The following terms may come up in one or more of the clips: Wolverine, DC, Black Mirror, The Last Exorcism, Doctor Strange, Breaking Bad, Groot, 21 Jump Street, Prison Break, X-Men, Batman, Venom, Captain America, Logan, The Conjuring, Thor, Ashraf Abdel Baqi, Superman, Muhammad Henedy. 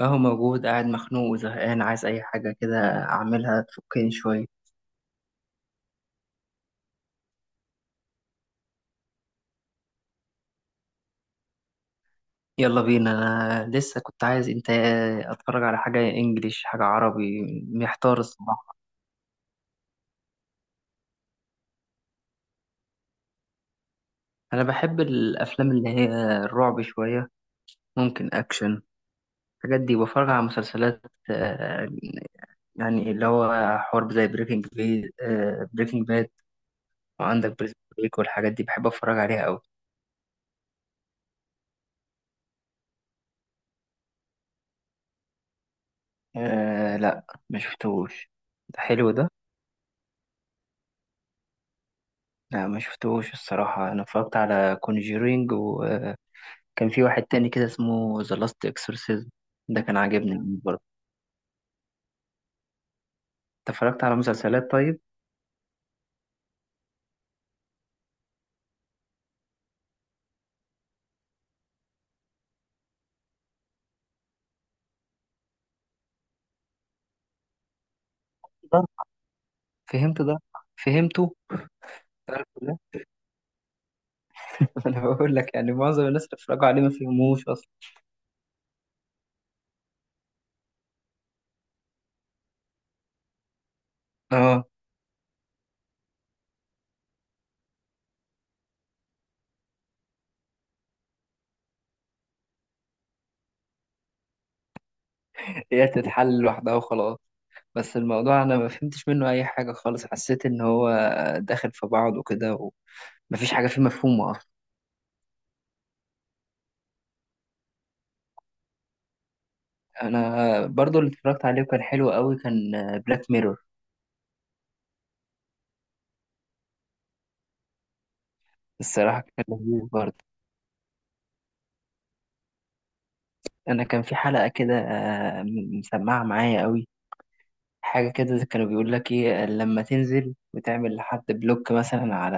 اهو موجود قاعد مخنوق وزهقان عايز اي حاجة كده، اعملها تفكني شوية. يلا بينا. انا لسه كنت عايز انت اتفرج على حاجة انجليش حاجة عربي. محتار الصراحة. انا بحب الافلام اللي هي الرعب شوية، ممكن اكشن، الحاجات دي. بفرج على مسلسلات، آه، يعني اللي هو حرب زي بريكنج بي آه، بريكنج باد. وعندك بريزون بريك والحاجات دي بحب اتفرج عليها قوي. أه لا، ما شفتهوش. ده حلو ده. لا، ما شفتوش الصراحة. أنا اتفرجت على كونجيرينج، وكان في واحد تاني كده اسمه ذا لاست اكسورسيزم. ده كان عاجبني برضه. أنت اتفرجت على مسلسلات طيب؟ ده فهمت ده، فهمته. لا. أنا بقول لك، يعني معظم الناس اللي اتفرجوا عليه ما فهموش أصلا. اه، هي تتحل لوحدها وخلاص. بس الموضوع أنا ما فهمتش منه أي حاجة خالص، حسيت إن هو داخل في بعض وكده، ومفيش حاجة فيه مفهومة أصلا. أنا برضه اللي اتفرجت عليه وكان حلو قوي كان بلاك ميرور. الصراحة كان لذيذ برضه. أنا كان في حلقة كده، مسمعة معايا قوي. حاجة كده كانوا بيقول لك إيه، لما تنزل وتعمل لحد بلوك مثلا على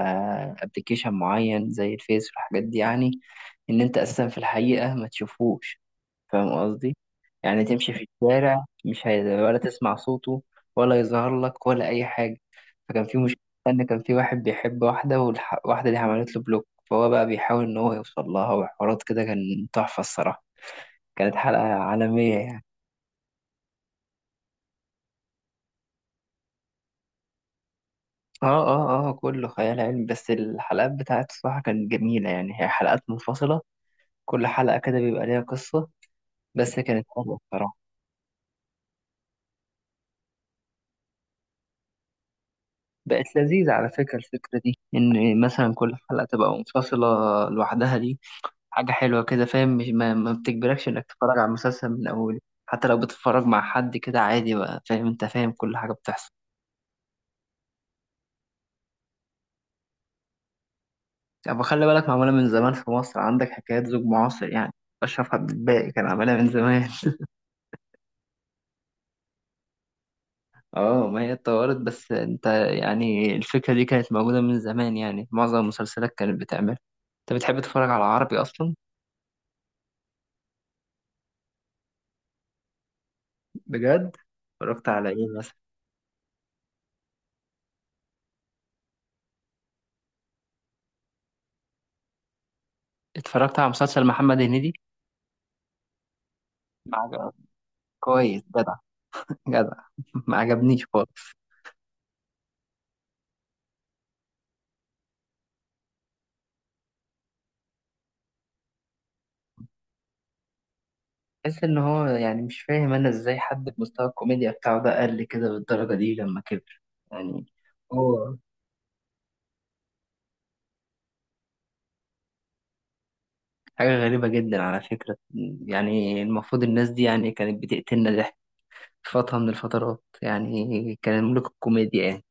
أبلكيشن معين زي الفيس والحاجات دي يعني، إن أنت أساسا في الحقيقة ما تشوفوش. فاهم قصدي؟ يعني تمشي في الشارع، مش هي... ولا تسمع صوته ولا يظهر لك ولا أي حاجة. فكان في مشكلة إن كان في واحد بيحب واحدة، والواحدة دي عملت له بلوك، فهو بقى بيحاول إن هو يوصل لها وحوارات كده. كان تحفة الصراحة. كانت حلقة عالمية يعني. اه اه اه، كله خيال علمي، بس الحلقات بتاعت الصراحة كانت جميلة، يعني هي حلقات منفصلة، كل حلقة كده بيبقى ليها قصة. بس كانت حلوة الصراحة. بقت لذيذة على فكرة، الفكرة دي إن مثلا كل حلقة تبقى منفصلة لوحدها دي، حاجة حلوة كده. فاهم مش- ما بتجبركش إنك تتفرج على المسلسل من أوله. حتى لو بتتفرج مع حد كده عادي بقى، فاهم أنت فاهم كل حاجة بتحصل. يعني خلي بالك، معمولة من زمان في مصر، عندك حكايات زوج معاصر يعني. أشرف عبد الباقي كان عاملها من زمان. اه ما هي اتطورت، بس انت يعني الفكرة دي كانت موجودة من زمان، يعني معظم المسلسلات كانت بتعمل. انت بتحب تتفرج على عربي اصلا؟ بجد. اتفرجت على ايه مثلا؟ اتفرجت على مسلسل محمد هنيدي؟ ما عجب- كويس جدع جدع. ما عجبنيش خالص. بحس ان هو يعني مش فاهم، انا ازاي حد بمستوى الكوميديا بتاعه ده قل كده بالدرجة دي لما كبر. يعني هو حاجة غريبة جدا على فكرة. يعني المفروض الناس دي يعني كانت بتقتلنا ضحك فترة من الفترات، يعني كان ملوك الكوميديا يعني.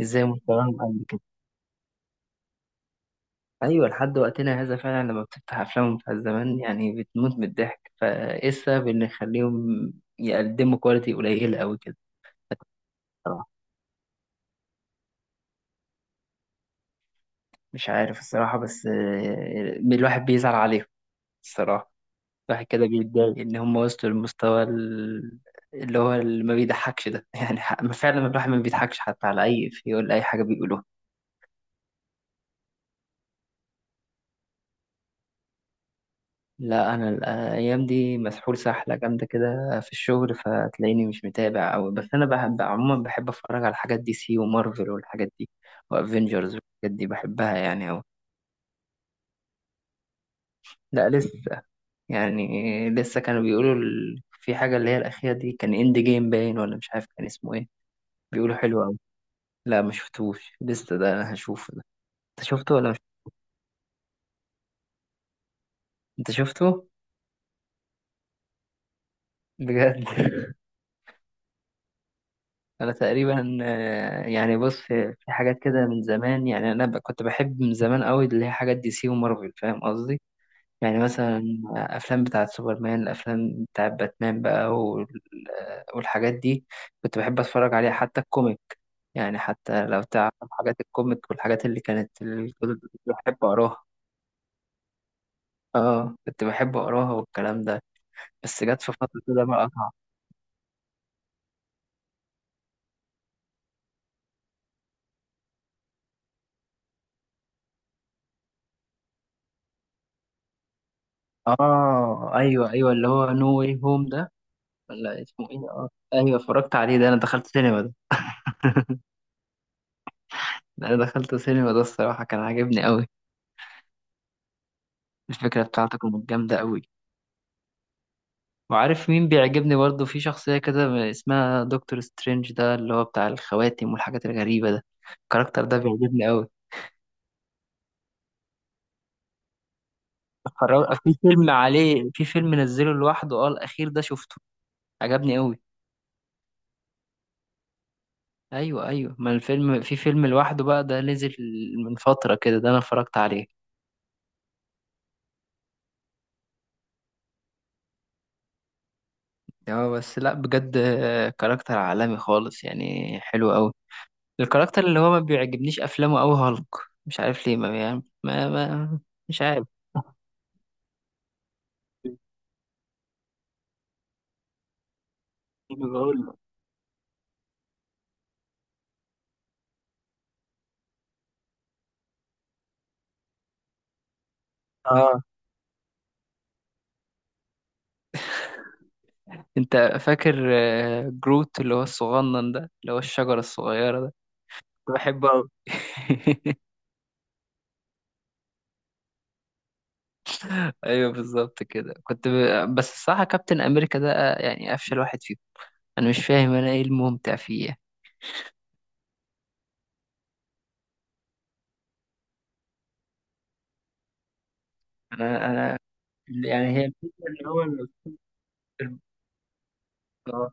ازاي مستواهم قد كده؟ أيوة، لحد وقتنا هذا فعلا لما بتفتح أفلامهم بتاع زمان يعني بتموت من الضحك، فإيه السبب إن يخليهم يقدموا كواليتي قليلة أوي كده؟ الصراحة مش عارف الصراحة، بس الواحد بيزعل عليهم الصراحة. الواحد كده بيتضايق إن هم وصلوا للمستوى، اللي هو اللي ما بيضحكش ده. يعني فعلا الواحد ما بيضحكش حتى على أي إفيه ولا أي حاجة بيقولوها. لا، انا الايام دي مسحول سحله جامده كده في الشغل، فتلاقيني مش متابع أوي، بس انا بحب عموما، بحب اتفرج على حاجات دي سي ومارفل والحاجات دي وافنجرز والحاجات دي، بحبها يعني أوي. لا لسه. يعني لسه كانوا بيقولوا، في حاجه اللي هي الاخيره دي كان اند جيم، باين ولا مش عارف كان اسمه ايه. بيقولوا حلو أوي. لا، ما شفتوش لسه، ده انا هشوفه ده. انت شفته ولا مش... انت شفته بجد؟ انا تقريبا، يعني بص، في حاجات كده من زمان، يعني انا كنت بحب من زمان قوي اللي هي حاجات دي سي ومارفل، فاهم قصدي؟ يعني مثلا افلام بتاعه سوبرمان، الافلام بتاعه باتمان بقى والحاجات دي كنت بحب اتفرج عليها. حتى الكوميك، يعني حتى لو تعرف حاجات الكوميك والحاجات اللي كانت اللي كنت بحب اقراها. اه، كنت بحب اقراها والكلام ده، بس جت في فترة كده بقى قطع. اه ايوه ايوه، اللي هو نو واي هوم ده، ولا اسمه ايه؟ اه ايوه، اتفرجت عليه ده، انا دخلت سينما ده. انا دخلت سينما ده. الصراحه كان عاجبني قوي. الفكره بتاعته كانت جامده قوي. وعارف مين بيعجبني برضه؟ في شخصيه كده اسمها دكتور سترينج ده، اللي هو بتاع الخواتم والحاجات الغريبه ده. الكاركتر ده بيعجبني قوي. اتفرج في فيلم عليه، في فيلم نزله لوحده، اه الاخير ده شفته، عجبني قوي. ايوه ايوه، ما الفيلم في فيلم لوحده بقى، ده نزل من فتره كده، ده انا اتفرجت عليه. اه بس لا بجد، كاركتر عالمي خالص يعني، حلو قوي. الكاركتر اللي هو ما بيعجبنيش افلامه قوي هالك. مش عارف ليه، ما يعني ما. مش عارف، أنا بقول لك. اه. انت فاكر جروت، اللي هو الصغنن ده، اللي هو الشجرة الصغيرة ده؟ كنت بحبه قوي. ايوه بالظبط كده بس الصراحة كابتن امريكا ده، يعني افشل واحد فيهم. انا مش فاهم، انا ايه الممتع فيه يعني. انا يعني هي الفكرة ان هو ال- آه.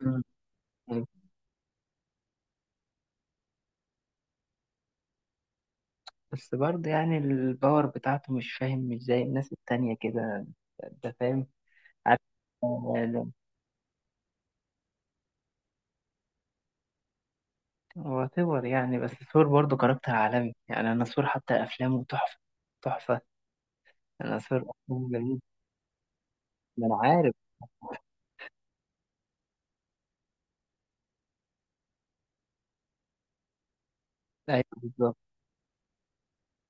مم. بس برضه يعني الباور بتاعته مش فاهم، مش زي الناس التانية كده، انت فاهم؟ عارف. هو ثور يعني، بس ثور برضه كاركتر عالمي يعني، انا ثور حتى افلامه تحفة تحفة. انا ثور افلامه جميل، ما انا عارف. ايوه بالظبط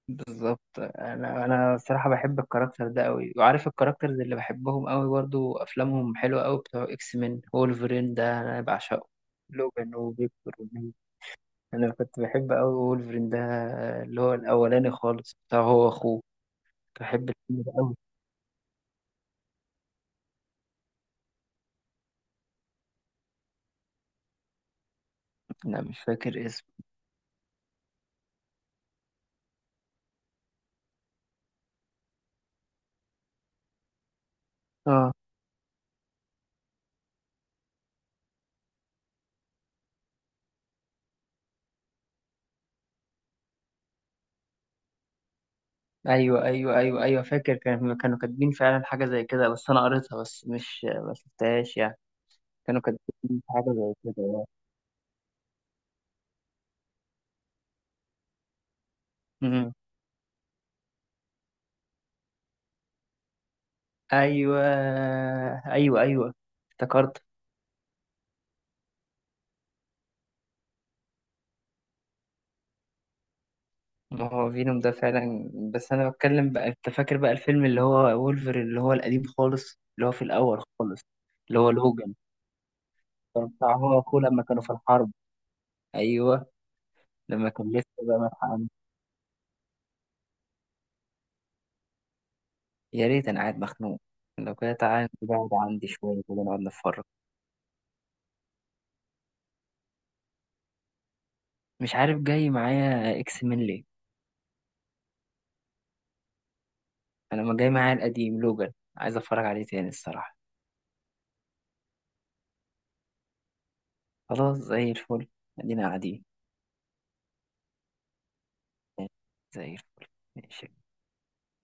بالظبط، انا الصراحة بحب الكاركتر ده قوي. وعارف الكاركترز اللي بحبهم قوي برضه، افلامهم حلوة قوي، بتوع اكس مين، وولفرين ده انا بعشقه، لوجان وفيكتور. انا كنت بحب قوي وولفرين ده، اللي هو الاولاني خالص بتاع هو اخوه. كنت بحب الفيلم ده قوي. لا مش فاكر اسمه. اه ايوه ايوه ايوه ايوه فاكر، كانوا كاتبين فعلا حاجه زي كده، بس انا قريتها بس مش ما شفتهاش يعني. كانوا كاتبين حاجه زي كده يعني. امم. ايوه ايوه ايوه، افتكرت. ما هو فينوم ده فعلا، بس انا بتكلم بقى، انت فاكر بقى الفيلم اللي هو وولفر اللي هو القديم خالص اللي هو في الاول خالص، اللي هو لوجان، كان بتاع هو اخوه لما كانوا في الحرب. ايوه. لما كان لسه بقى مدح عندي. يا ريت، انا قاعد مخنوق، لو كده تعالى نقعد عندي شويه كده، نقعد نتفرج. مش عارف، جاي معايا اكس من ليه. انا ما جاي معايا، القديم لوجان عايز اتفرج عليه تاني الصراحه. خلاص، زي الفل. ادينا قاعدين. زي الفل. ماشي.